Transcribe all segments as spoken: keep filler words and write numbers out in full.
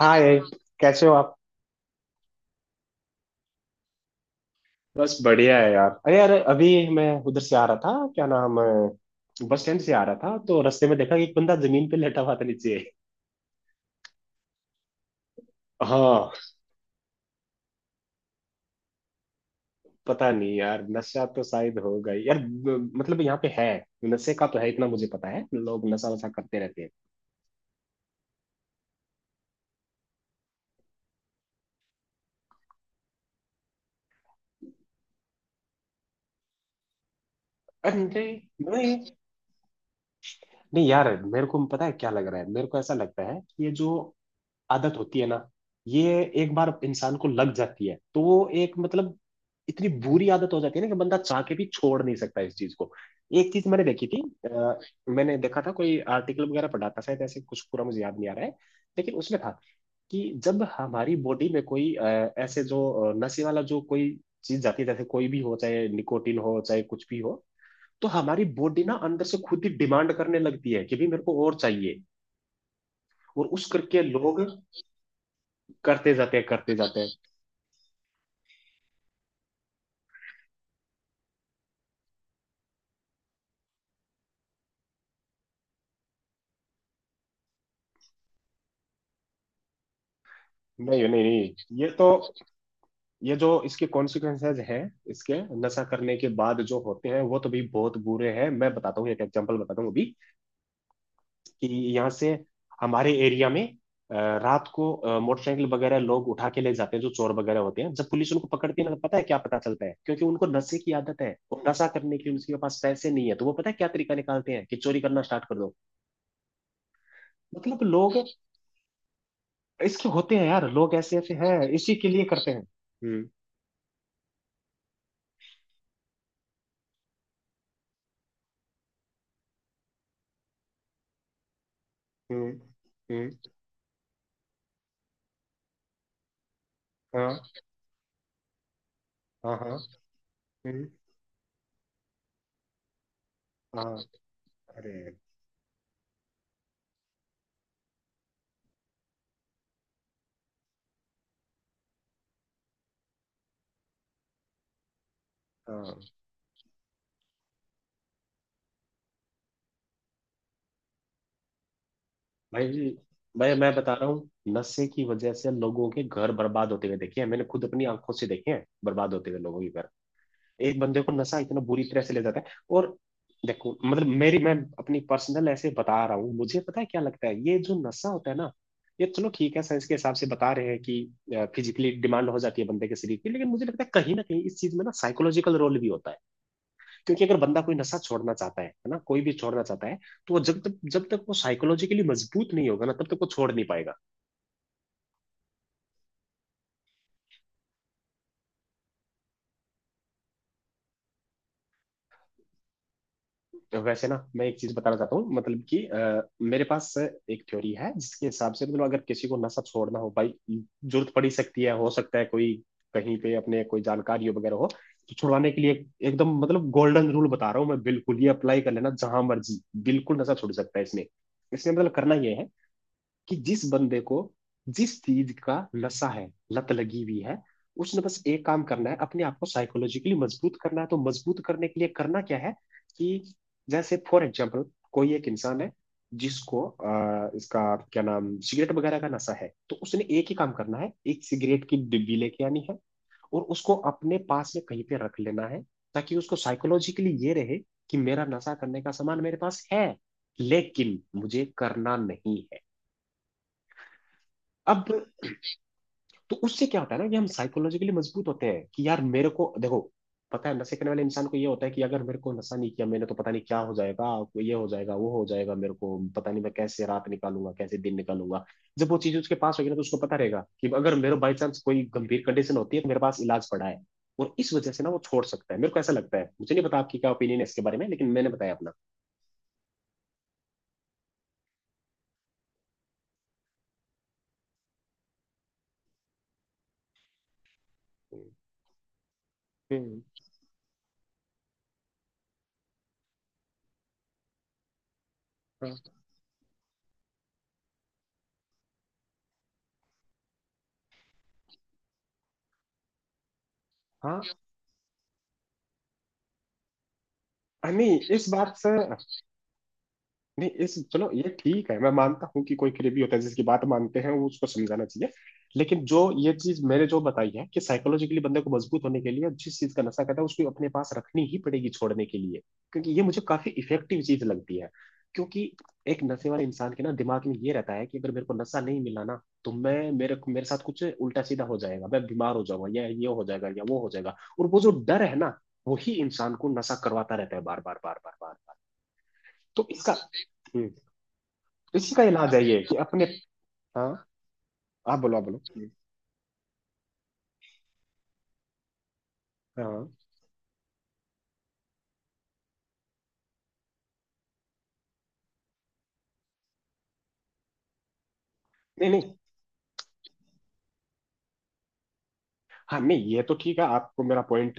हाँ ये। कैसे हो आप। बस बढ़िया है यार। अरे यार अभी मैं उधर से आ रहा था, क्या नाम है, बस स्टैंड से आ रहा था, तो रास्ते में देखा कि एक बंदा जमीन पे लेटा हुआ था नीचे। हाँ। पता नहीं यार, नशा तो शायद होगा ही। यार ब- मतलब यहाँ पे है नशे का तो है, इतना मुझे पता है, लोग नशा वशा करते रहते हैं। अरे नहीं नहीं यार, मेरे को पता है क्या लग रहा है। मेरे को ऐसा लगता है कि ये जो आदत होती है ना, ये एक बार इंसान को लग जाती है तो वो एक मतलब इतनी बुरी आदत हो जाती है ना कि बंदा चाह के भी छोड़ नहीं सकता इस चीज को। एक चीज मैंने देखी थी। अ, मैंने देखा था, कोई आर्टिकल वगैरह पढ़ा था शायद ऐसे कुछ, पूरा मुझे याद नहीं आ रहा है, लेकिन उसमें था कि जब हमारी बॉडी में कोई अ, ऐसे जो अ, नशे वाला जो कोई चीज जाती है, जैसे कोई भी हो, चाहे निकोटिन हो चाहे कुछ भी हो, तो हमारी बॉडी ना अंदर से खुद ही डिमांड करने लगती है कि भी मेरे को और चाहिए। और उस करके लोग करते जाते हैं, करते जाते हैं। नहीं नहीं नहीं ये तो, ये जो इसके कॉन्सिक्वेंसेस हैं इसके, नशा करने के बाद जो होते हैं वो तो भी बहुत बुरे हैं। मैं बताता हूँ, एक एग्जांपल बताता हूँ अभी कि यहाँ से हमारे एरिया में अ, रात को अ, मोटरसाइकिल वगैरह लोग उठा के ले जाते हैं जो चोर वगैरह होते हैं। जब पुलिस उनको पकड़ती है ना तो पता है क्या पता चलता है, क्योंकि उनको नशे की आदत है और नशा करने के लिए उनके पास पैसे नहीं है, तो वो पता है क्या तरीका निकालते हैं कि चोरी करना स्टार्ट कर दो। मतलब लोग इसके होते हैं यार, लोग ऐसे ऐसे हैं, इसी के लिए करते हैं। हम्म। हम्म। हम्म। हाँ हाँ हाँ। हम्म, हाँ। अरे हाँ भाई, भाई मैं बता रहा हूँ, नशे की वजह से लोगों के घर बर्बाद होते हुए देखे हैं मैंने, खुद अपनी आंखों से देखे हैं बर्बाद होते हुए लोगों के घर। एक बंदे को नशा इतना बुरी तरह से ले जाता है। और देखो मतलब मेरी, मैं अपनी पर्सनल ऐसे बता रहा हूँ, मुझे पता है क्या लगता है। ये जो नशा होता है ना, ये चलो ठीक है, साइंस के हिसाब से बता रहे हैं कि फिजिकली डिमांड हो जाती है बंदे के शरीर की, लेकिन मुझे लगता है कहीं ना कहीं इस चीज में ना साइकोलॉजिकल रोल भी होता है। क्योंकि अगर बंदा कोई नशा छोड़ना चाहता है है ना, कोई भी छोड़ना चाहता है, तो वो जब तक जब तक वो साइकोलॉजिकली मजबूत नहीं होगा ना, तब तक वो छोड़ नहीं पाएगा। वैसे ना मैं एक चीज बताना चाहता हूँ, मतलब कि अ, मेरे पास एक थ्योरी है जिसके हिसाब से, मतलब अगर किसी को नशा छोड़ना हो, भाई जरूरत पड़ ही सकती है, हो सकता है कोई कहीं पे अपने कोई जानकारी हो वगैरह हो, तो छुड़वाने के लिए एक- एकदम मतलब गोल्डन रूल बता रहा हूँ मैं, बिल्कुल ये अप्लाई कर लेना जहां मर्जी, बिल्कुल नशा छुड़ सकता है इसमें। इसमें मतलब करना ये है कि जिस बंदे को जिस चीज का नशा है, लत लगी हुई है, उसने बस एक काम करना है अपने आप को साइकोलॉजिकली मजबूत करना है। तो मजबूत करने के लिए करना क्या है कि जैसे फॉर एग्जाम्पल कोई एक इंसान है जिसको अ, इसका क्या नाम, सिगरेट वगैरह का नशा है, तो उसने एक ही काम करना है, एक सिगरेट की डिब्बी लेके आनी है और उसको अपने पास में कहीं पे रख लेना है, ताकि उसको साइकोलॉजिकली ये रहे कि मेरा नशा करने का सामान मेरे पास है लेकिन मुझे करना नहीं है। अब तो उससे क्या होता है ना कि हम साइकोलॉजिकली मजबूत होते हैं कि यार मेरे को देखो, पता है नशे करने वाले इंसान को ये होता है कि अगर मेरे को नशा नहीं किया मैंने तो पता नहीं क्या हो जाएगा, ये हो जाएगा, वो हो जाएगा, मेरे को पता नहीं मैं कैसे रात निकालूंगा कैसे दिन निकालूंगा। जब वो चीज उसके पास होगी ना तो उसको पता रहेगा कि अगर मेरे बाई चांस कोई गंभीर कंडीशन होती है तो मेरे पास इलाज पड़ा है। और इस वजह से ना वो छोड़ सकता है, मेरे को ऐसा लगता है। मुझे नहीं पता आपकी क्या ओपिनियन है इसके बारे में, लेकिन मैंने बताया अपना। हम्म, हाँ। हाँ नहीं इस बात से, नहीं इस चलो ये ठीक है, मैं मानता हूँ कि कोई करीबी होता है जिसकी बात मानते हैं वो, उसको समझाना चाहिए। लेकिन जो ये चीज मैंने जो बताई है कि साइकोलॉजिकली बंदे को मजबूत होने के लिए जिस चीज का नशा करता है उसको अपने पास रखनी ही पड़ेगी छोड़ने के लिए, क्योंकि ये मुझे काफी इफेक्टिव चीज लगती है। क्योंकि एक नशे वाले इंसान के ना दिमाग में ये रहता है कि अगर मेरे को नशा नहीं मिला ना तो मैं मेरे मेरे साथ कुछ उल्टा सीधा हो जाएगा, मैं बीमार हो जाऊंगा या ये हो जाएगा या वो हो जाएगा, और वो जो डर है ना, वही इंसान को नशा करवाता रहता है बार बार बार बार बार बार। तो इसका, हम्म, इसी का इलाज है ये कि अपने। हाँ आप बोलो आप बोलो। हाँ। नहीं नहीं हाँ नहीं ये तो ठीक है, आपको मेरा पॉइंट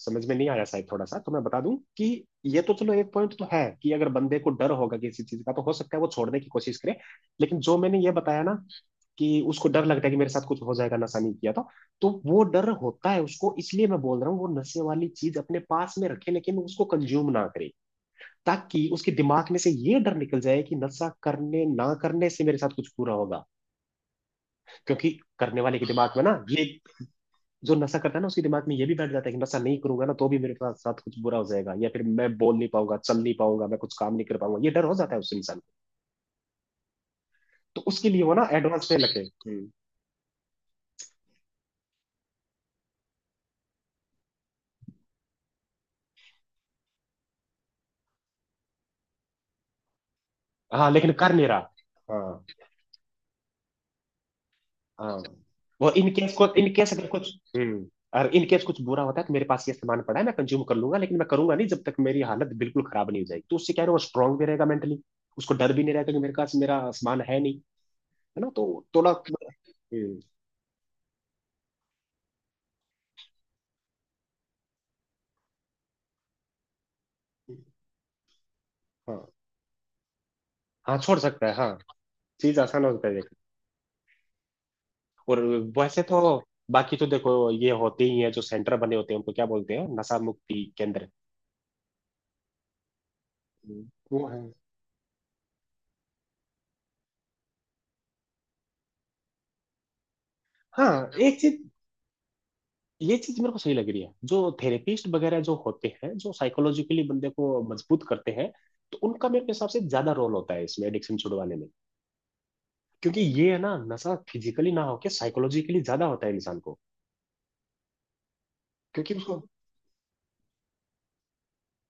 समझ में नहीं आया शायद थोड़ा सा, तो मैं बता दूं कि ये तो चलो एक पॉइंट तो है कि अगर बंदे को डर होगा किसी चीज का तो हो सकता है वो छोड़ने की कोशिश करे, लेकिन जो मैंने ये बताया ना कि उसको डर लगता है कि मेरे साथ कुछ हो जाएगा नशा नहीं किया तो तो वो डर होता है उसको, इसलिए मैं बोल रहा हूँ वो नशे वाली चीज अपने पास में रखे लेकिन उसको कंज्यूम ना करे, ताकि उसके दिमाग में से ये डर निकल जाए कि नशा करने ना करने से मेरे साथ कुछ बुरा होगा। क्योंकि करने वाले के दिमाग में ना ये, जो नशा करता है ना उसके दिमाग में ये भी बैठ जाता है कि नशा नहीं करूंगा ना तो भी मेरे साथ साथ कुछ बुरा हो जाएगा या फिर मैं बोल नहीं पाऊंगा, चल नहीं पाऊंगा, मैं कुछ काम नहीं कर पाऊंगा, ये डर हो जाता है उस इंसान को। तो उसके लिए वो ना एडवांस में लगे। हम्म, हाँ। लेकिन कर नहीं रहा। हाँ हाँ। वो इन केस को, इन केस अगर कुछ, हम्म, और इन केस कुछ बुरा होता है तो मेरे पास ये सामान पड़ा है मैं कंज्यूम कर लूंगा, लेकिन मैं करूंगा नहीं जब तक मेरी हालत बिल्कुल खराब नहीं हो जाएगी। तो उससे क्या है ना, वो स्ट्रांग भी रहेगा मेंटली, उसको डर भी नहीं रहेगा कि मेरे पास मेरा सामान है नहीं। है ना, तो थोड़ा, हम्म, हाँ। हाँ छोड़ सकता है, हाँ। चीज आसान हो सकता है देखो। और वैसे तो बाकी तो देखो ये होते ही हैं जो सेंटर बने होते हैं उनको क्या बोलते हैं, नशा मुक्ति केंद्र, वो है। हाँ एक चीज, ये चीज मेरे को सही लग रही है, जो थेरेपिस्ट वगैरह जो होते हैं जो साइकोलॉजिकली बंदे को मजबूत करते हैं, तो उनका मेरे हिसाब से ज्यादा रोल होता है इसमें एडिक्शन छुड़वाने में। क्योंकि ये है ना, नशा फिजिकली ना होके साइकोलॉजिकली ज्यादा होता है इंसान को। क्योंकि उसको,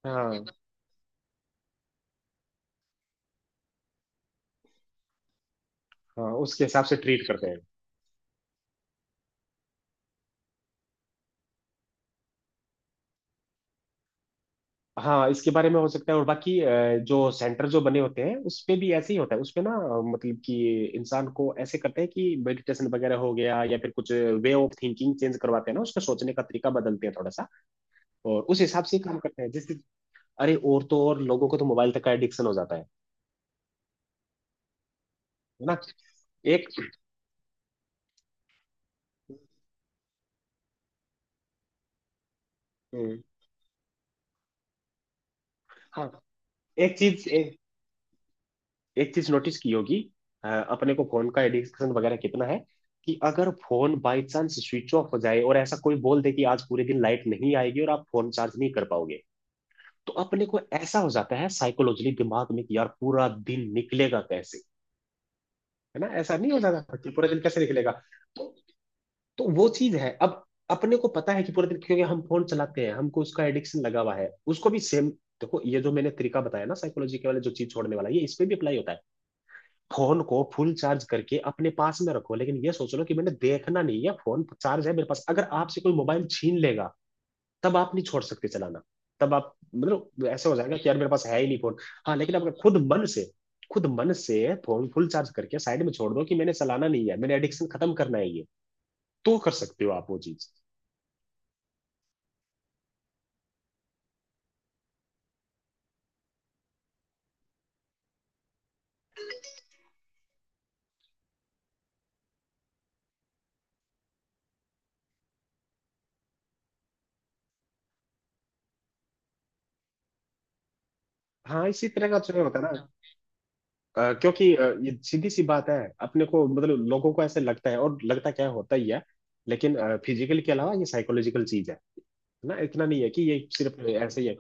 हाँ, हाँ उसके हिसाब से ट्रीट करते हैं। हाँ इसके बारे में हो सकता है। और बाकी अ, जो सेंटर जो बने होते हैं उसपे भी ऐसे ही होता है, उसपे ना अ, मतलब कि इंसान को ऐसे करते हैं कि मेडिटेशन वगैरह हो गया या फिर कुछ वे ऑफ थिंकिंग चेंज करवाते हैं ना, उसका सोचने का तरीका बदलते हैं थोड़ा सा और उस हिसाब से ही काम करते हैं जैसे। अरे और तो और लोगों को तो मोबाइल तक का एडिक्शन हो जाता है। है ना। एक, हम्म, हाँ। एक चीज एक चीज नोटिस की होगी अ, अपने को फोन का एडिक्शन वगैरह कितना है कि अगर phone by chance switch off हो जाए और ऐसा कोई बोल दे कि आज पूरे दिन लाइट नहीं आएगी और आप फोन चार्ज नहीं कर पाओगे, तो अपने को ऐसा हो जाता है साइकोलॉजिकली दिमाग में कि यार पूरा दिन निकलेगा कैसे। है ना, ऐसा नहीं हो जाता कि पूरा दिन कैसे निकलेगा। तो तो वो चीज है अब, अपने को पता है कि पूरे दिन क्योंकि हम फोन चलाते हैं हमको उसका एडिक्शन लगा हुआ है, उसको भी सेम देखो ये जो मैंने तरीका बताया ना साइकोलॉजी के वाले जो चीज छोड़ने वाला, ये इस पे भी अप्लाई होता है। फोन को फुल चार्ज करके अपने पास में रखो लेकिन ये सोच लो कि मैंने देखना नहीं है, फोन चार्ज है मेरे पास। अगर आपसे कोई मोबाइल छीन लेगा तब आप नहीं छोड़ सकते चलाना, तब आप मतलब ऐसे हो जाएगा कि यार मेरे पास है ही नहीं फोन। हाँ लेकिन आप खुद मन से खुद मन से फोन फुल चार्ज करके साइड में छोड़ दो कि मैंने चलाना नहीं है, मैंने एडिक्शन खत्म करना है ये, तो कर सकते हो आप वो चीज। हाँ इसी तरह का चुनाव होता है ना। अ, क्योंकि अ, ये सीधी सी बात है, अपने को मतलब लोगों को ऐसे लगता है, और लगता क्या है, होता ही है, लेकिन फिजिकल के अलावा ये साइकोलॉजिकल चीज है ना, इतना नहीं है कि ये सिर्फ ऐसे ही है।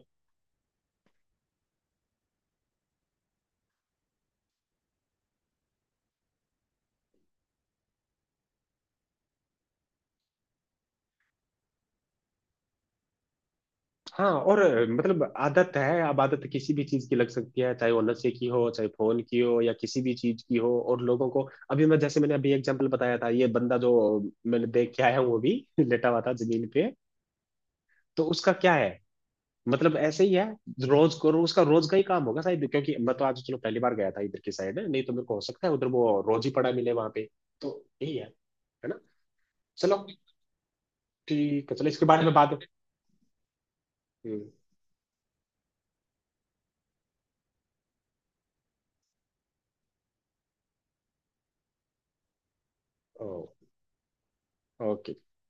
हाँ और मतलब आदत है, अब आदत किसी भी चीज की लग सकती है, चाहे वो नशे की हो चाहे फोन की हो या किसी भी चीज की हो, और लोगों को अभी मैं जैसे, मैंने अभी एग्जांपल बताया था ये बंदा जो मैंने देख के आया हूँ वो भी लेटा हुआ था जमीन पे, तो उसका क्या है, मतलब ऐसे ही है, रोज करो उसका रोज का ही काम होगा शायद, क्योंकि मैं तो आज चलो पहली बार गया था इधर की साइड, नहीं तो मेरे को हो सकता है उधर वो रोज ही पड़ा मिले वहां पे। तो यही है है ना। चलो ठीक है चलो, इसके बारे में बात। हम्म, ओ- ओके।